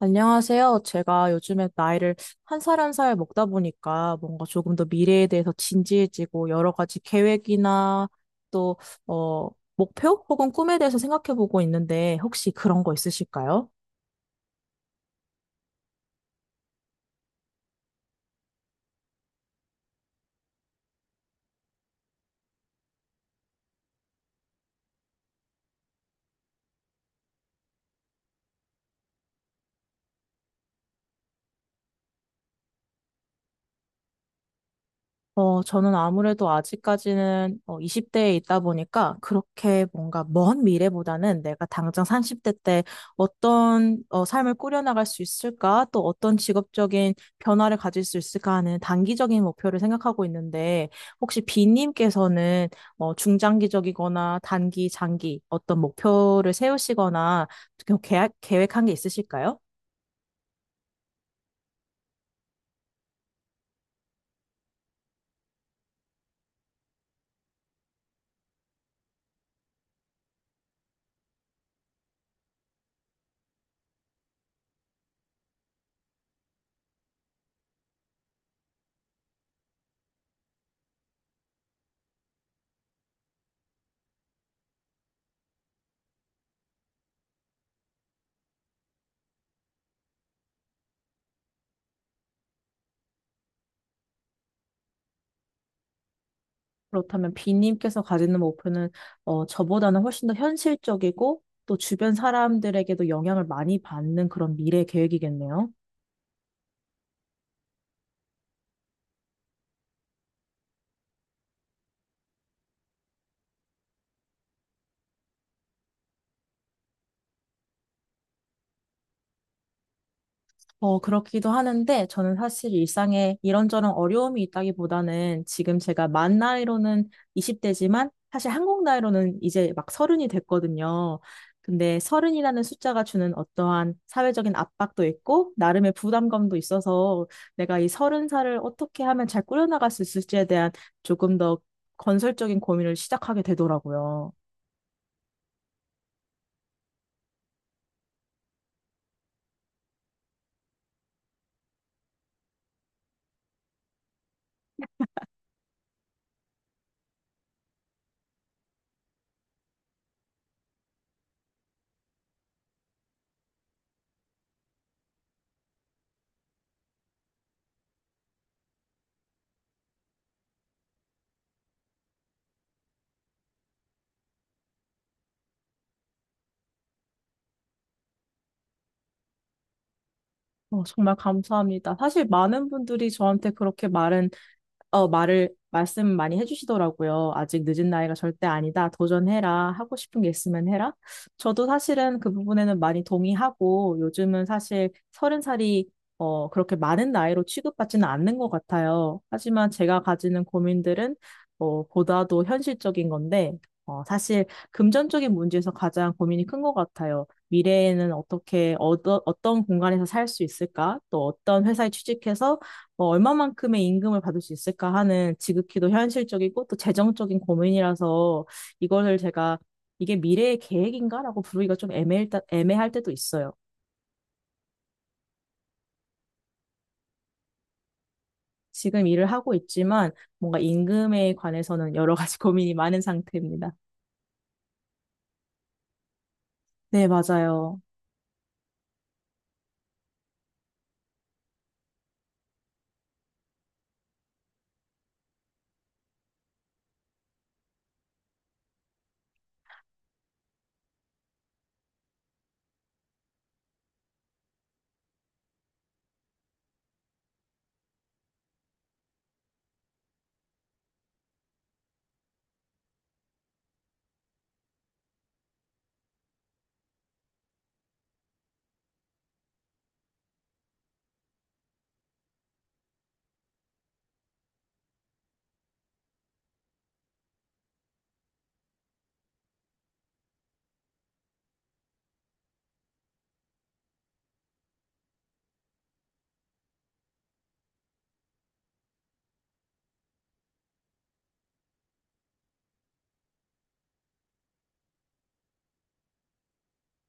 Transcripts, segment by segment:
안녕하세요. 제가 요즘에 나이를 한 살 한 살 먹다 보니까 뭔가 조금 더 미래에 대해서 진지해지고 여러 가지 계획이나 또, 어, 목표 혹은 꿈에 대해서 생각해 보고 있는데 혹시 그런 거 있으실까요? 저는 아무래도 아직까지는 20대에 있다 보니까 그렇게 뭔가 먼 미래보다는 내가 당장 30대 때 어떤 삶을 꾸려나갈 수 있을까? 또 어떤 직업적인 변화를 가질 수 있을까 하는 단기적인 목표를 생각하고 있는데 혹시 비님께서는 중장기적이거나 단기, 장기 어떤 목표를 세우시거나 계획한 게 있으실까요? 그렇다면 비님께서 가지는 목표는 저보다는 훨씬 더 현실적이고 또 주변 사람들에게도 영향을 많이 받는 그런 미래 계획이겠네요. 그렇기도 하는데 저는 사실 일상에 이런저런 어려움이 있다기보다는 지금 제가 만 나이로는 20대지만 사실 한국 나이로는 이제 막 서른이 됐거든요. 근데 서른이라는 숫자가 주는 어떠한 사회적인 압박도 있고 나름의 부담감도 있어서 내가 이 서른 살을 어떻게 하면 잘 꾸려나갈 수 있을지에 대한 조금 더 건설적인 고민을 시작하게 되더라고요. 정말 감사합니다. 사실 많은 분들이 저한테 그렇게 말씀 많이 해주시더라고요. 아직 늦은 나이가 절대 아니다. 도전해라. 하고 싶은 게 있으면 해라. 저도 사실은 그 부분에는 많이 동의하고 요즘은 사실 서른 살이 그렇게 많은 나이로 취급받지는 않는 것 같아요. 하지만 제가 가지는 고민들은 보다도 현실적인 건데 사실 금전적인 문제에서 가장 고민이 큰 것 같아요. 미래에는 어떤 공간에서 살 수 있을까? 또 어떤 회사에 취직해서 뭐 얼마만큼의 임금을 받을 수 있을까 하는 지극히도 현실적이고 또 재정적인 고민이라서 이거를 제가 이게 미래의 계획인가라고 부르기가 좀 애매할 때도 있어요. 지금 일을 하고 있지만 뭔가 임금에 관해서는 여러 가지 고민이 많은 상태입니다. 네, 맞아요.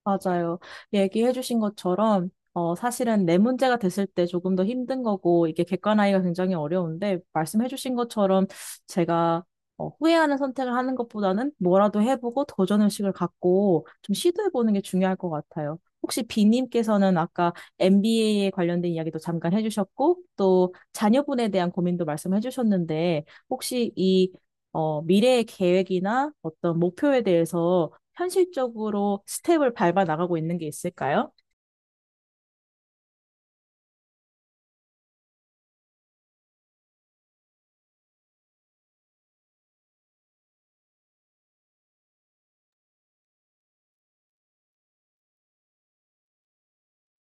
맞아요. 얘기해 주신 것처럼, 사실은 내 문제가 됐을 때 조금 더 힘든 거고, 이게 객관화하기가 굉장히 어려운데, 말씀해 주신 것처럼 제가 후회하는 선택을 하는 것보다는 뭐라도 해보고 도전 의식을 갖고 좀 시도해 보는 게 중요할 것 같아요. 혹시 비님께서는 아까 MBA에 관련된 이야기도 잠깐 해주셨고, 또 자녀분에 대한 고민도 말씀해 주셨는데, 혹시 이 미래의 계획이나 어떤 목표에 대해서 현실적으로 스텝을 밟아 나가고 있는 게 있을까요?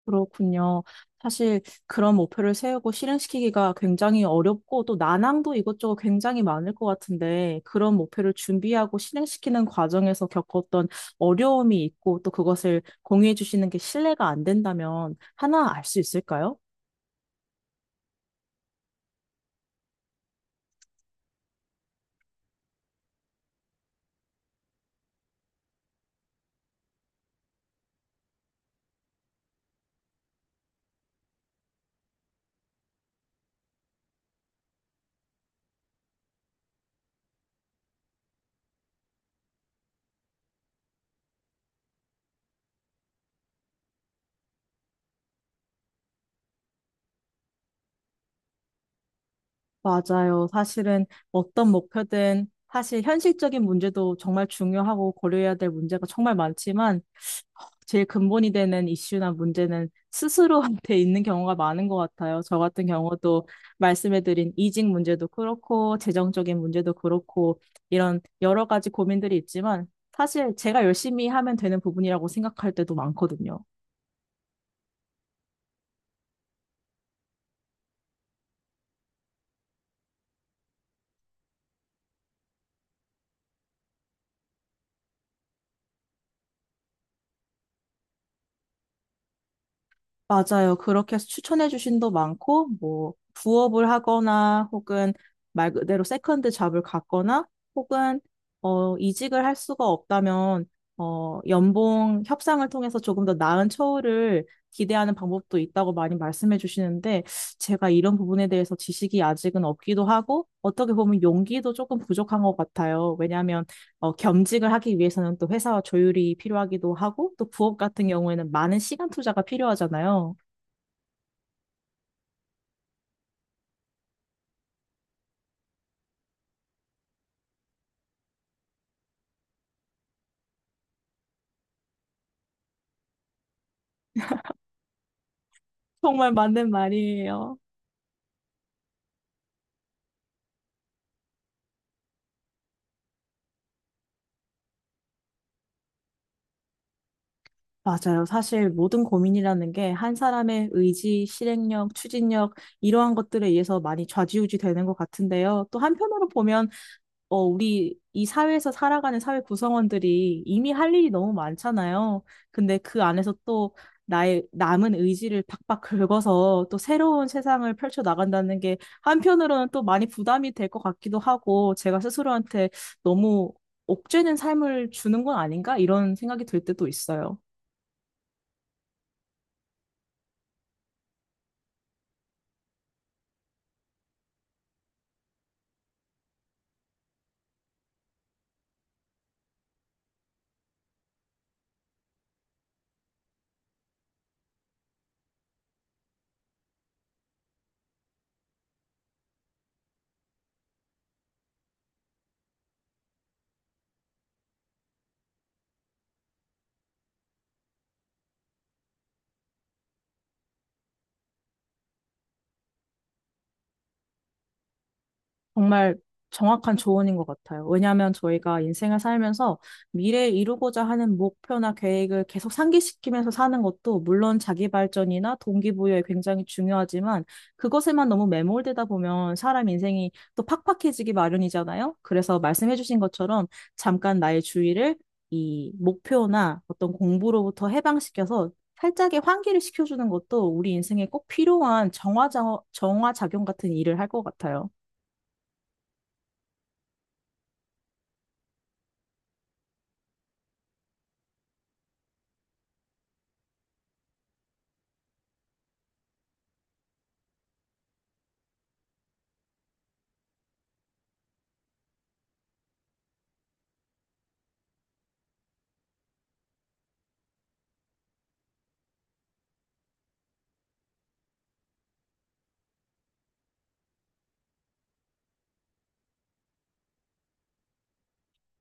그렇군요. 사실 그런 목표를 세우고 실행시키기가 굉장히 어렵고 또 난항도 이것저것 굉장히 많을 것 같은데 그런 목표를 준비하고 실행시키는 과정에서 겪었던 어려움이 있고 또 그것을 공유해 주시는 게 신뢰가 안 된다면 하나 알 수 있을까요? 맞아요. 사실은 어떤 목표든 사실 현실적인 문제도 정말 중요하고 고려해야 될 문제가 정말 많지만 제일 근본이 되는 이슈나 문제는 스스로한테 있는 경우가 많은 것 같아요. 저 같은 경우도 말씀해드린 이직 문제도 그렇고, 재정적인 문제도 그렇고, 이런 여러 가지 고민들이 있지만, 사실 제가 열심히 하면 되는 부분이라고 생각할 때도 많거든요. 맞아요. 그렇게 해서 추천해 주신 도 많고, 뭐, 부업을 하거나, 혹은 말 그대로 세컨드 잡을 갖거나, 혹은, 이직을 할 수가 없다면, 연봉 협상을 통해서 조금 더 나은 처우를 기대하는 방법도 있다고 많이 말씀해 주시는데, 제가 이런 부분에 대해서 지식이 아직은 없기도 하고, 어떻게 보면 용기도 조금 부족한 것 같아요. 왜냐하면 겸직을 하기 위해서는 또 회사와 조율이 필요하기도 하고, 또 부업 같은 경우에는 많은 시간 투자가 필요하잖아요. 정말 맞는 말이에요. 맞아요. 사실 모든 고민이라는 게 한 사람의 의지, 실행력, 추진력, 이러한 것들에 의해서 많이 좌지우지 되는 것 같은데요. 또 한편으로 보면 우리 이 사회에서 살아가는 사회 구성원들이 이미 할 일이 너무 많잖아요. 근데 그 안에서 또 나의 남은 의지를 박박 긁어서 또 새로운 세상을 펼쳐 나간다는 게 한편으로는 또 많이 부담이 될 것 같기도 하고 제가 스스로한테 너무 옥죄는 삶을 주는 건 아닌가? 이런 생각이 들 때도 있어요. 정말 정확한 조언인 것 같아요. 왜냐하면 저희가 인생을 살면서 미래에 이루고자 하는 목표나 계획을 계속 상기시키면서 사는 것도 물론 자기 발전이나 동기부여에 굉장히 중요하지만 그것에만 너무 매몰되다 보면 사람 인생이 또 팍팍해지기 마련이잖아요. 그래서 말씀해주신 것처럼 잠깐 나의 주의를 이 목표나 어떤 공부로부터 해방시켜서 살짝의 환기를 시켜주는 것도 우리 인생에 꼭 필요한 정화작용 같은 일을 할 것 같아요.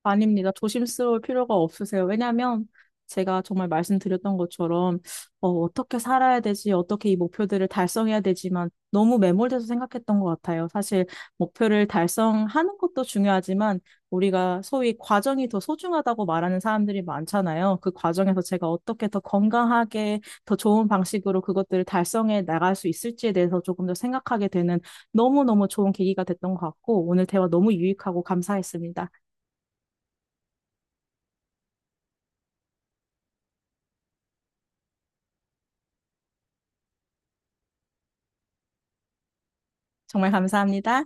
아닙니다. 조심스러울 필요가 없으세요. 왜냐하면 제가 정말 말씀드렸던 것처럼 어떻게 살아야 되지, 어떻게 이 목표들을 달성해야 되지만 너무 매몰돼서 생각했던 것 같아요. 사실 목표를 달성하는 것도 중요하지만 우리가 소위 과정이 더 소중하다고 말하는 사람들이 많잖아요. 그 과정에서 제가 어떻게 더 건강하게, 더 좋은 방식으로 그것들을 달성해 나갈 수 있을지에 대해서 조금 더 생각하게 되는 너무너무 좋은 계기가 됐던 것 같고 오늘 대화 너무 유익하고 감사했습니다. 정말 감사합니다.